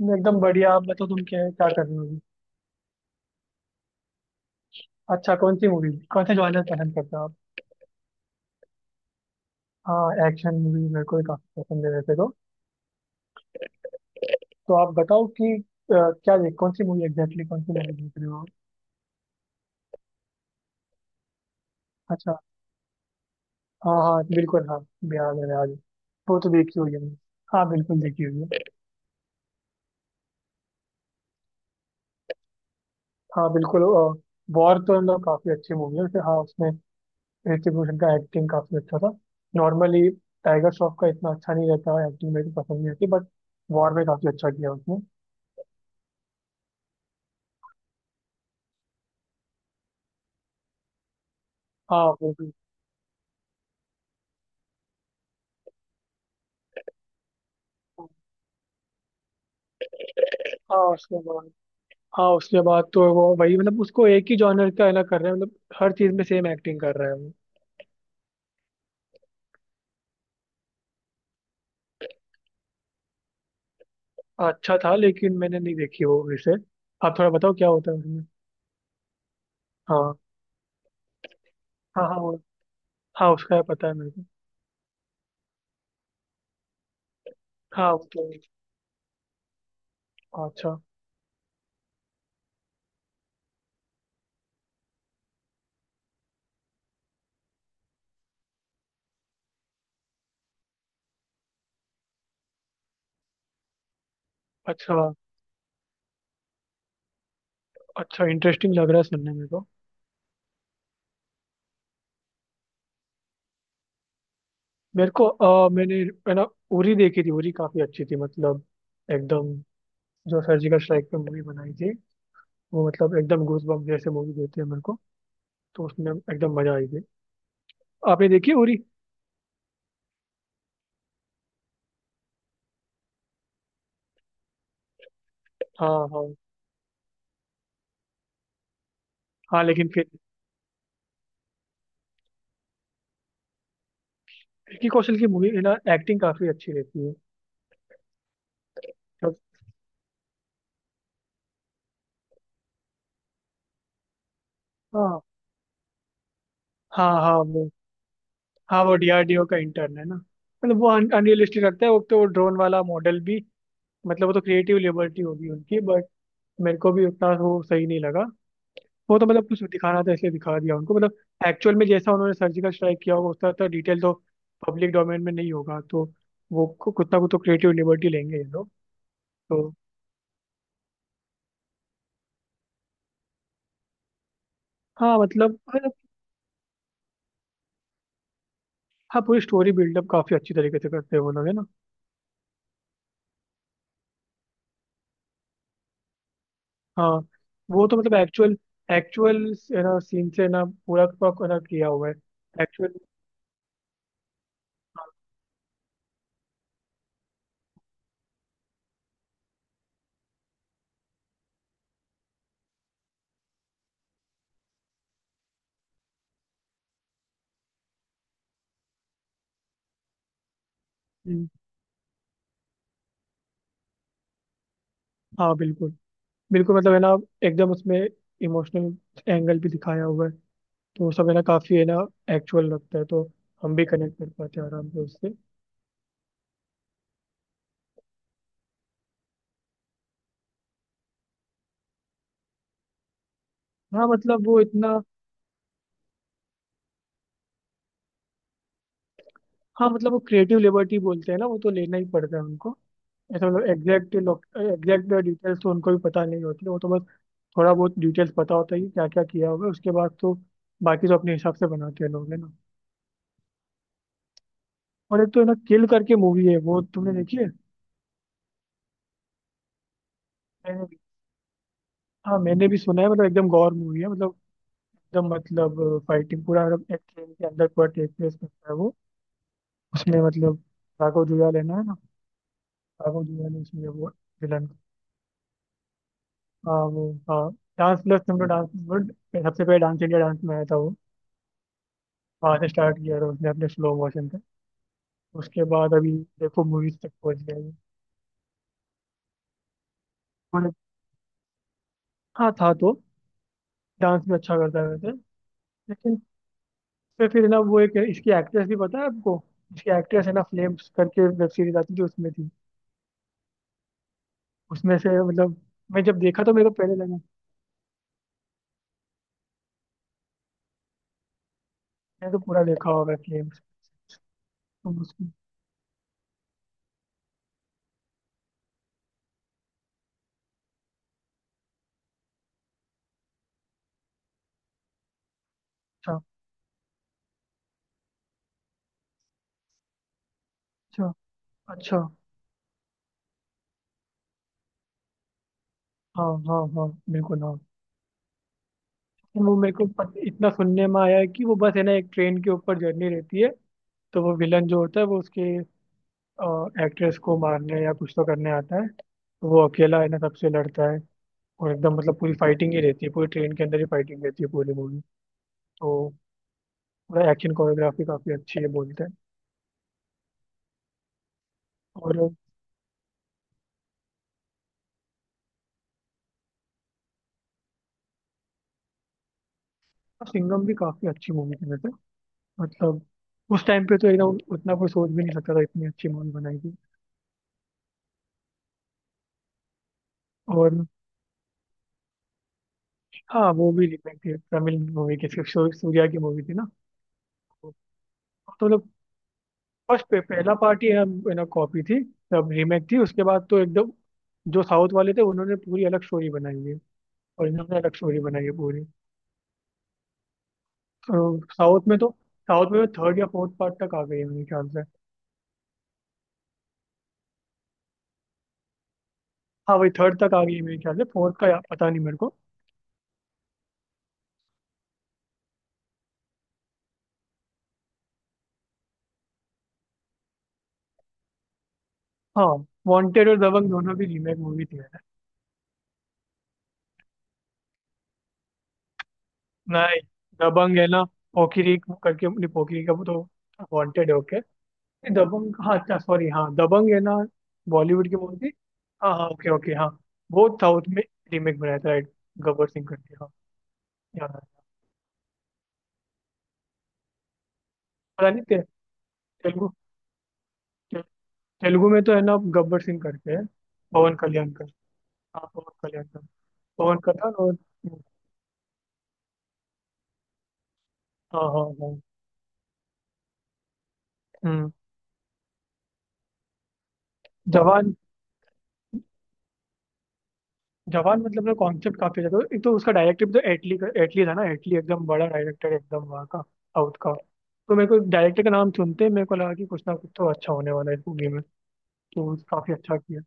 मैं एकदम बढ़िया। आप बताओ तुम क्या क्या कर रहे हो अभी। अच्छा, कौन सी मूवी कौन से जॉनर पसंद करते हो आप? हाँ, एक्शन मूवी मेरे को भी काफी पसंद है वैसे तो। तो आप बताओ कि क्या देख कौन सी मूवी एग्जैक्टली कौन सी मूवी देख रहे हो आप? अच्छा। हाँ हाँ बिल्कुल, हाँ। याद है याद है। वो तो देखी हुई है मैंने। हाँ बिल्कुल देखी हुई है। हाँ बिल्कुल। वॉर तो मतलब काफी अच्छी मूवी है वैसे, हाँ उसमें ऋतिक रोशन का एक्टिंग काफी अच्छा था। नॉर्मली टाइगर श्रॉफ का इतना अच्छा नहीं रहता, एक्टिंग मेरे को पसंद नहीं आती, बट वॉर में काफी अच्छा किया उसने। हाँ। हाँ उसके बाद, हाँ उसके बाद तो वो वही मतलब उसको एक ही जॉनर का है ना कर रहे हैं, मतलब हर चीज में सेम एक्टिंग कर रहा है वो। अच्छा था लेकिन मैंने नहीं देखी वो इसे। आप थोड़ा बताओ क्या होता है उसमें। हाँ। हाँ हाँ वो, हाँ उसका है पता है मेरे को। हाँ वो तो, हाँ, अच्छा। अच्छा। अच्छा, इंटरेस्टिंग लग रहा है सुनने में तो। मेरे को मैंने, है ना, उरी देखी थी, उरी काफी अच्छी थी मतलब एकदम। जो सर्जिकल स्ट्राइक पे मूवी बनाई थी, वो मतलब एकदम गूज बम्प जैसे मूवी देती है मेरे को। तो उसमें एकदम मजा आई थी। आपने देखी उरी? हाँ हाँ। हाँ लेकिन फिर विक्की कौशल की मूवी में ना एक्टिंग काफी अच्छी रहती है। मतलब हाँ हाँ हाँ वो, हाँ वो डीआरडीओ का इंटर्न है ना, मतलब वो अनरियलिस्टिक लगता है। वो तो ड्रोन वाला मॉडल भी, मतलब वो तो क्रिएटिव लिबर्टी होगी उनकी, बट मेरे को भी उतना वो सही नहीं लगा। वो तो मतलब कुछ दिखाना था इसलिए दिखा दिया उनको, मतलब एक्चुअल में जैसा उन्होंने सर्जिकल स्ट्राइक किया होगा उसका तो डिटेल तो पब्लिक डोमेन में नहीं होगा, तो वो कुछ ना कुछ तो क्रिएटिव लिबर्टी लेंगे ये लोग। तो हाँ मतलब, हाँ पूरी स्टोरी बिल्डअप काफी अच्छी तरीके से करते हैं वो लोग है ना। हाँ वो तो मतलब एक्चुअल, एक्चुअल ना सीन से ना पूरा का पूरा ना किया हुआ है। एक्चुअल। हाँ बिल्कुल, बिल्कुल मतलब है ना, एकदम उसमें इमोशनल एंगल भी दिखाया हुआ है। तो वो सब है ना, काफी है ना एक्चुअल लगता है, तो हम भी कनेक्ट कर पाते हैं आराम से उससे। हाँ मतलब वो इतना, हाँ मतलब वो क्रिएटिव लिबर्टी बोलते हैं ना, वो तो लेना ही पड़ता है उनको। ऐसा मतलब एग्जैक्ट, डिटेल्स तो उनको भी पता नहीं होती, वो तो बस थोड़ा बहुत डिटेल्स पता होता है कि क्या क्या किया होगा, उसके बाद तो बाकी तो अपने हिसाब से बनाते हैं लोग है ना। और एक तो है ना, किल करके मूवी है, वो तुमने देखी है? मैंने भी- हाँ मैंने भी सुना है, मतलब एकदम गौर मूवी है मतलब, एकदम मतलब फाइटिंग पूरा, मतलब एक ट्रेन के अंदर पूरा टेक प्लेस करता है वो। उसमें मतलब राघव जुयाल है ना, है ना, राघव जुयाल है उसमें वो विलन। हाँ वो, हाँ डांस प्लस तुमने डांस सबसे पहले डांस इंडिया डांस में आया था वो। वहाँ से स्टार्ट किया था उसने अपने स्लो मोशन। उसके बाद अभी देखो मूवीज तक पहुंच गया है। और हाँ, था तो। डांस भी अच्छा करता है वैसे, लेकिन फिर ना, वो एक इसकी एक्ट्रेस भी पता है आपको? इसकी एक्ट्रेस है ना, फ्लेम्स करके वेब सीरीज आती थी उसमें थी। उसमें से मतलब, मैं जब देखा तो मेरे को पहले लगा, मैंने तो पूरा देखा होगा फ्लेम्स। तो उसकी। अच्छा। अच्छा। अच्छा। हाँ हाँ हाँ बिल्कुल, हाँ। लेकिन वो मेरे को इतना सुनने में आया है कि वो बस है ना, एक ट्रेन के ऊपर जर्नी रहती है। तो वो विलन जो होता है वो उसके एक्ट्रेस को मारने या कुछ तो करने आता है, तो वो अकेला है ना सबसे लड़ता है। और एकदम मतलब पूरी फाइटिंग ही रहती है, पूरी ट्रेन के अंदर ही फाइटिंग रहती है पूरी मूवी। तो पूरा एक्शन कोरियोग्राफी काफी अच्छी है बोलते हैं। और सिंघम भी काफी अच्छी मूवी थी वैसे। मतलब उस टाइम पे तो एकदम उतना कोई सोच भी नहीं सकता था, इतनी अच्छी मूवी बनाई थी। और हाँ, वो भी रिमेक थी, तमिल मूवी की सूर्या की मूवी थी ना। तो मतलब पहला पार्ट ही हम यू नो कॉपी थी, तब रीमेक थी। उसके बाद तो एकदम, जो साउथ वाले थे उन्होंने पूरी अलग स्टोरी बनाई है, और इन्होंने अलग स्टोरी बनाई है पूरी। तो साउथ में तो, साउथ में थर्ड या फोर्थ पार्ट तक आ गई है मेरे ख्याल से। हाँ वही थर्ड तक आ गई है मेरे ख्याल से, पता नहीं मेरे को। हाँ वांटेड और दबंग दोनों भी रीमेक मूवी थी है ना। नहीं, दबंग है ना पोकिरी करके, नहीं पोकिरी का वो तो वांटेड है okay। नहीं, दबंग, हाँ अच्छा सॉरी, हाँ दबंग है ना बॉलीवुड की मूवी थी। हाँ हाँ ओके ओके, हाँ वो साउथ में रीमेक बनाया था राइट। गब्बर सिंह करके, हाँ याद आया। पता नहीं तेलुगु, ते, तेलुगु में तो है ना गब्बर सिंह करके है। पवन कल्याण कर हाँ पवन कल्याण, कर पवन कल्याण और हाँ हाँ हाँ। हम्म। जवान, जवान मतलब ना कॉन्सेप्ट काफी अच्छा था, एक तो उसका डायरेक्टर भी तो एटली था ना, एटली एकदम बड़ा डायरेक्टर एकदम वहाँ का साउथ का। तो मेरे को डायरेक्टर का नाम सुनते ही मेरे को लगा कि कुछ ना कुछ तो अच्छा होने वाला है इस मूवी में। तो काफी अच्छा किया।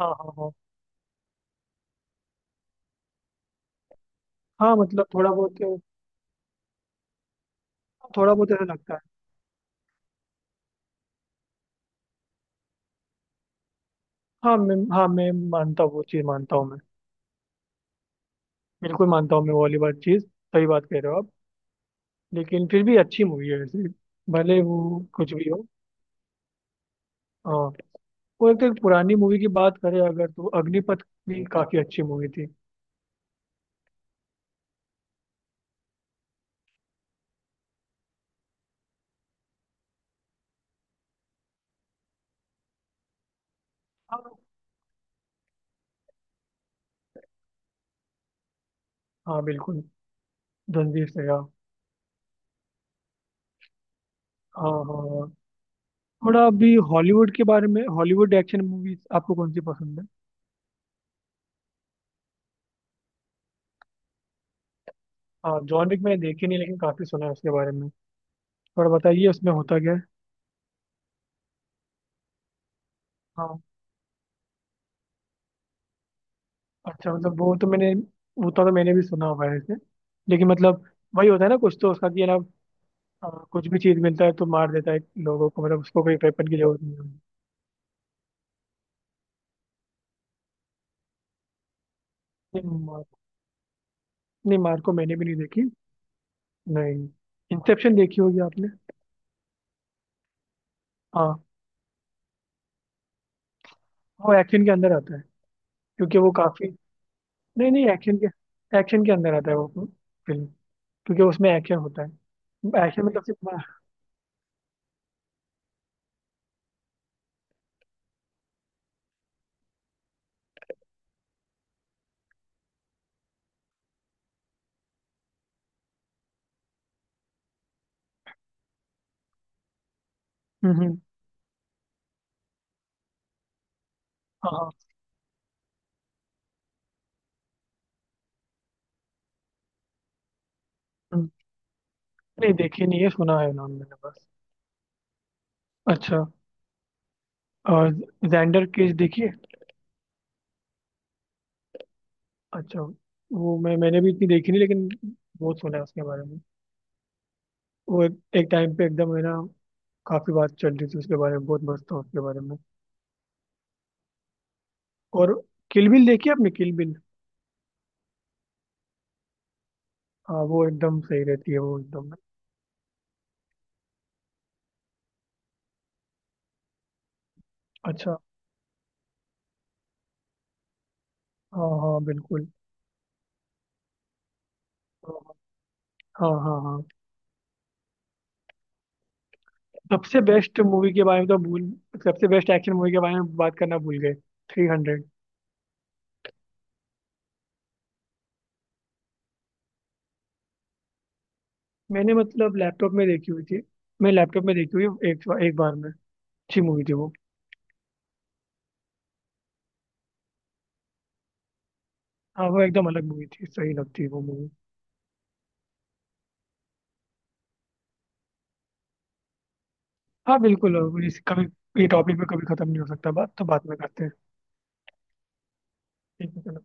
हाँ हाँ हाँ हाँ। मतलब थोड़ा बहुत, ऐसा लगता है। हाँ मैं, हाँ मैं मानता हूँ, वो चीज़ मानता हूँ मैं। बिल्कुल मानता हूँ मैं, वो वाली बात, चीज़ सही बात कह रहे हो आप। लेकिन फिर भी अच्छी मूवी है वैसे, भले वो कुछ भी हो। हाँ। और एक तो पुरानी मूवी की बात करें अगर, तो अग्निपथ भी काफी अच्छी मूवी थी। हाँ हाँ, बिल्कुल। रणवीर से, हाँ। हाँ हाँ। हाँ। थोड़ा अभी हॉलीवुड के बारे में, हॉलीवुड एक्शन मूवीज आपको कौन सी पसंद है? हाँ, जॉन विक मैंने देखी नहीं, लेकिन काफी सुना है उसके बारे में। थोड़ा बताइए उसमें होता क्या है। हाँ अच्छा, मतलब वो तो मैंने, वो तो मैंने भी सुना हुआ है ऐसे। लेकिन मतलब वही होता है ना कुछ तो उसका कि है ना, कुछ भी चीज़ मिलता है तो मार देता है लोगों को, मतलब उसको कोई वेपन की जरूरत नहीं होती। नहीं मार नहीं, मार को मैंने भी नहीं देखी। नहीं, इंसेप्शन देखी होगी आपने। हाँ वो एक्शन के अंदर आता है, क्योंकि वो काफ़ी। नहीं नहीं, एक्शन के अंदर आता है वो फिल्म, क्योंकि उसमें एक्शन होता है, एक्शन मतलब सिर्फ। हम्म हम्म, हाँ हाँ, हम्म। नहीं देखी नहीं है, सुना है नाम मैंने बस। अच्छा। और जेंडर केस देखिए। अच्छा, वो मैं मैंने भी इतनी देखी नहीं, लेकिन बहुत सुना है उसके बारे में। वो एक, एक टाइम पे एकदम है ना, काफी बात चल रही थी उसके बारे में, बहुत मस्त था उसके बारे में। और किल बिल देखी आपने, किल बिल? हाँ वो एकदम सही रहती है, वो एकदम। अच्छा। हाँ हाँ बिल्कुल, हाँ हाँ हाँ। सबसे बेस्ट मूवी के बारे में तो भूल, सबसे बेस्ट एक्शन मूवी के बारे में बात करना भूल गए, 300। मैंने मतलब लैपटॉप में देखी हुई थी, मैं लैपटॉप में देखी हुई एक एक बार में। अच्छी मूवी थी वो। हाँ, वो एकदम अलग मूवी थी, सही लगती है वो मूवी। हाँ बिल्कुल, अब इस कभी, ये टॉपिक पे कभी खत्म नहीं हो सकता बात, तो बात में करते हैं। ठीक है चलो।